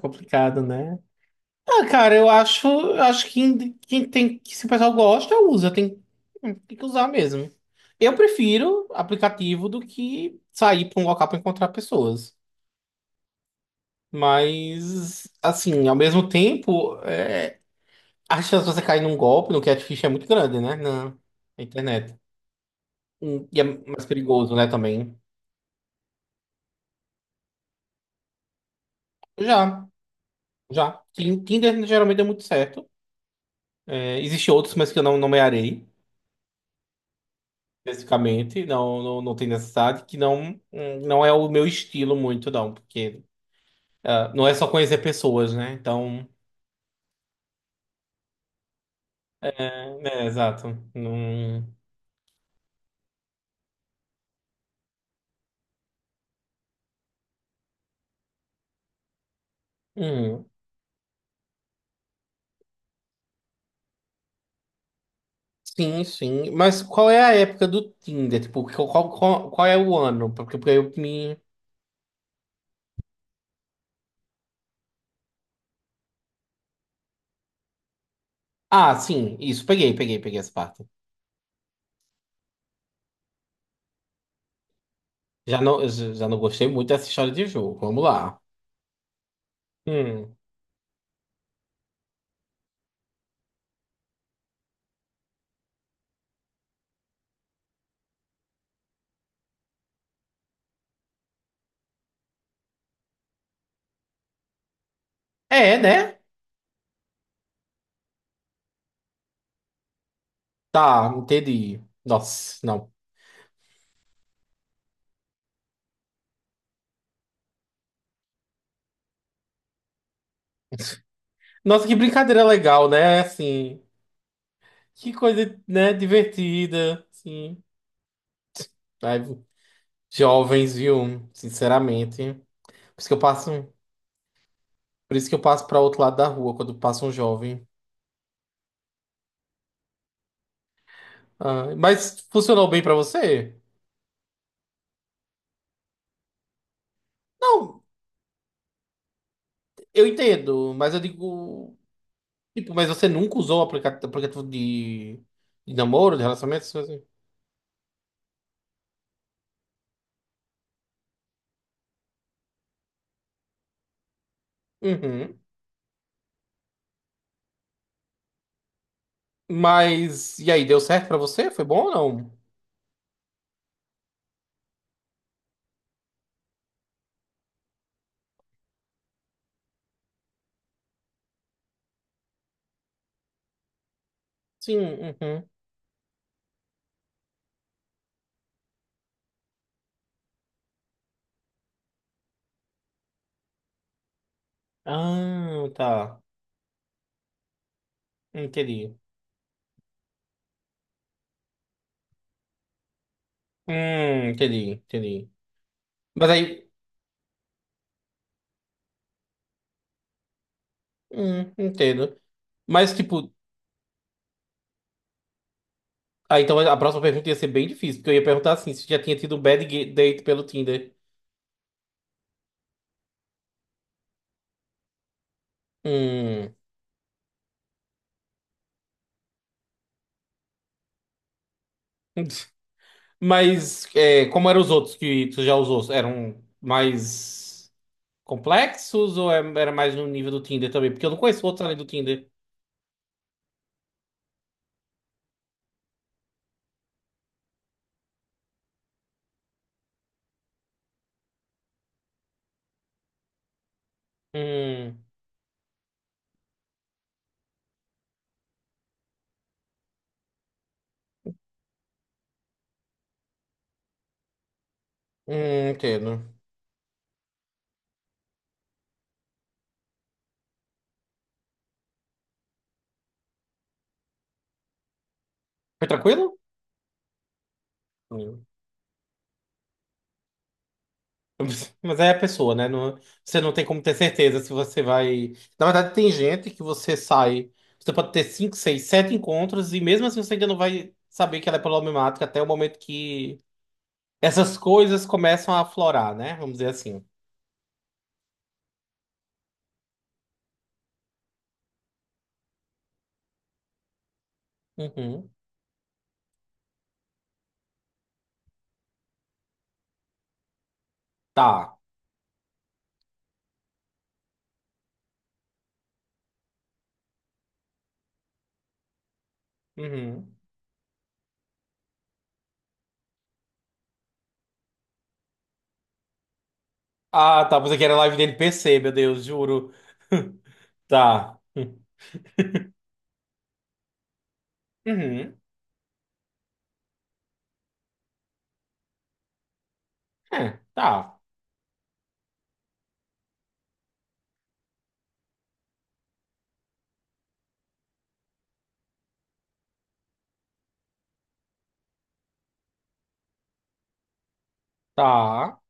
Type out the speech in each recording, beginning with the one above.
Complicado, né? Ah, cara, eu acho que quem tem, que se o pessoal gosta, usa, tem que usar mesmo. Eu prefiro aplicativo do que sair para um local para encontrar pessoas. Mas, assim, ao mesmo tempo, a chance de você cair num golpe no catfish é muito grande, né? Na internet. E é mais perigoso, né, também. Já, já. Tinder geralmente deu muito certo. É, existem outros, mas que eu não nomearei. Especificamente, não tem necessidade, que não, não é o meu estilo muito, não, porque ah, não é só conhecer pessoas, né? Então, exato. Não- Hum, sim. Mas qual é a época do Tinder? Tipo, qual é o ano? Porque eu me. Ah, sim, isso, peguei essa parte. Já não gostei muito dessa história de jogo. Vamos lá. Hum. É, né? Tá, entendi. Nossa, não. Nossa, que brincadeira legal, né? Assim. Que coisa, né, divertida, sim. Ai, jovens, viu? Sinceramente. Por isso que eu passo, por isso que eu passo para outro lado da rua quando passa um jovem. Ah, mas funcionou bem para você? Não, eu entendo, mas eu digo, tipo, mas você nunca usou o aplicativo de namoro, de relacionamento, essas coisas assim? Uhum. Mas e aí, deu certo para você? Foi bom ou não? Sim, uhum. Ah, tá. Entendi. Entendi. Mas aí entendo. Mas, tipo, ah, então a próxima pergunta ia ser bem difícil, porque eu ia perguntar assim, se já tinha tido um date pelo Tinder. Hum. Mas é, como eram os outros que tu já usou? Eram mais complexos ou era mais no nível do Tinder também? Porque eu não conheço outros além do Tinder. Hum, entendo. Foi tranquilo? Hum. Mas é a pessoa, né? Não- você não tem como ter certeza se você vai. Na verdade, tem gente que você sai. Você pode ter cinco, seis, sete encontros e mesmo assim você ainda não vai saber que ela é problemática até o momento que essas coisas começam a aflorar, né? Vamos dizer assim. Uhum. Tá. Uhum. Ah, tá. Pensei que era live de NPC, meu Deus, juro. Tá. Uhum. É, tá. Tá.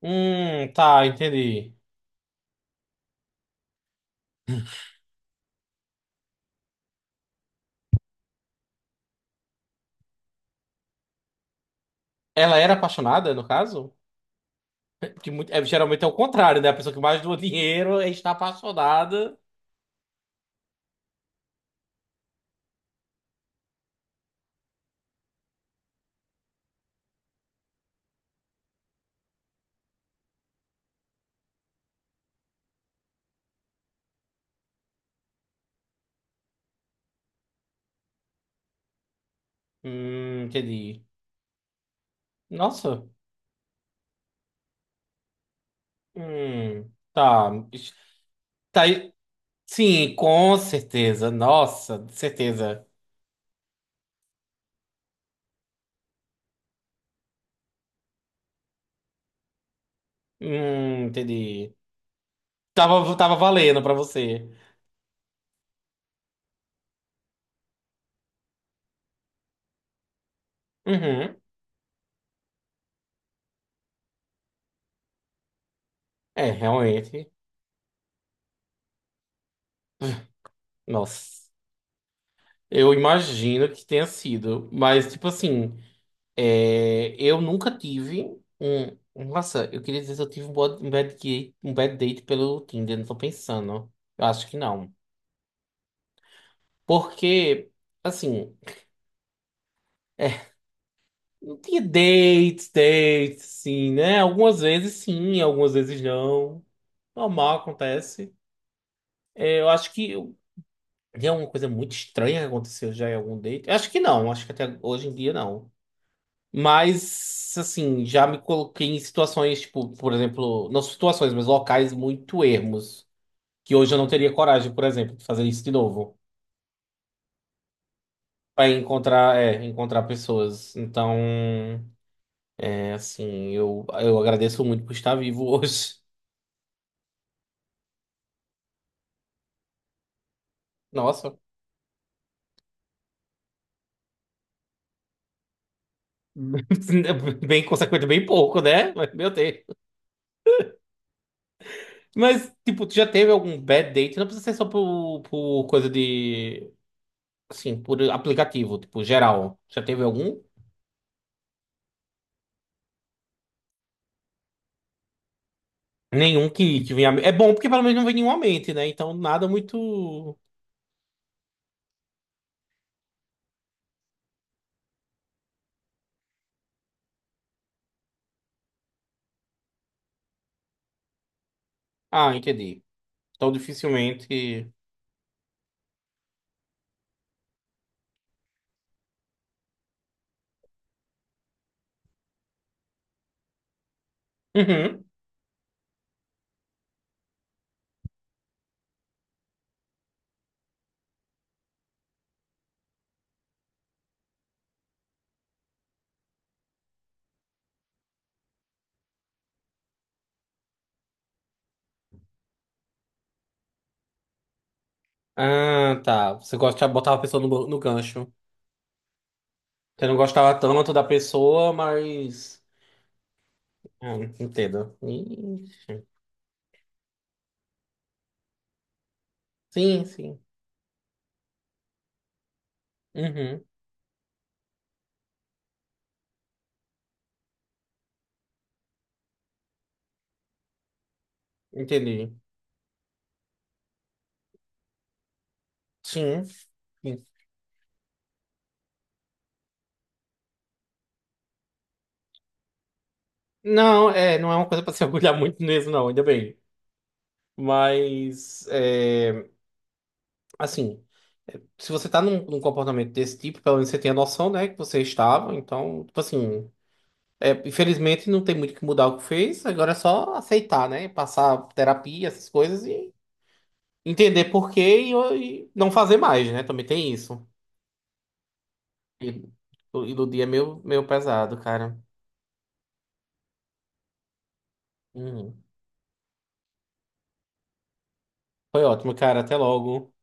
Tá, entendi. Ela era apaixonada, no caso? Que muito, é, geralmente é o contrário, né? A pessoa que mais doa dinheiro é está apaixonada. Entendi. Nossa. Tá. Isso- Tá aí. Sim, com certeza. Nossa, certeza. Entendi. Tava valendo pra você. Uhum. É, realmente. Nossa. Eu imagino que tenha sido. Mas, tipo assim. É, eu nunca tive um. Nossa, eu queria dizer se eu tive um um bad date pelo Tinder, não tô pensando. Eu acho que não. Porque, assim, é, não tinha dates, sim, né? Algumas vezes sim, algumas vezes não. Normal, acontece. É, eu acho que tem alguma coisa muito estranha que aconteceu já em algum date. Eu acho que não, acho que até hoje em dia não. Mas, assim, já me coloquei em situações, tipo, por exemplo, não situações, mas locais muito ermos, que hoje eu não teria coragem, por exemplo, de fazer isso de novo. Pra encontrar, é, encontrar pessoas. Então, é assim, eu agradeço muito por estar vivo hoje. Nossa, bem consequente, bem pouco, né? Mas, Meu Deus. Mas, tipo, tu já teve algum bad date? Não precisa ser só por coisa de, assim, por aplicativo, tipo, geral. Já teve algum? Nenhum que venha. É bom porque pelo menos não vem nenhum à mente, né? Então nada muito. Ah, entendi. Então dificilmente. Uhum. Ah, tá. Você gosta de botar a pessoa no gancho. Você não gostava tanto da pessoa, mas. Ah, entendo. Ixi. Sim, sim. Uhum. Entendi. Sim. Sim. Não, é, não é uma coisa pra se orgulhar muito mesmo, não, ainda bem. Mas, é, assim. Se você tá num comportamento desse tipo, pelo menos você tem a noção, né, que você estava. Então, tipo assim, é, infelizmente não tem muito o que mudar o que fez, agora é só aceitar, né? Passar terapia, essas coisas e entender por quê e não fazer mais, né? Também tem isso. E, e do dia é meio, meio pesado, cara. Uhum. Foi ótimo, cara. Até logo.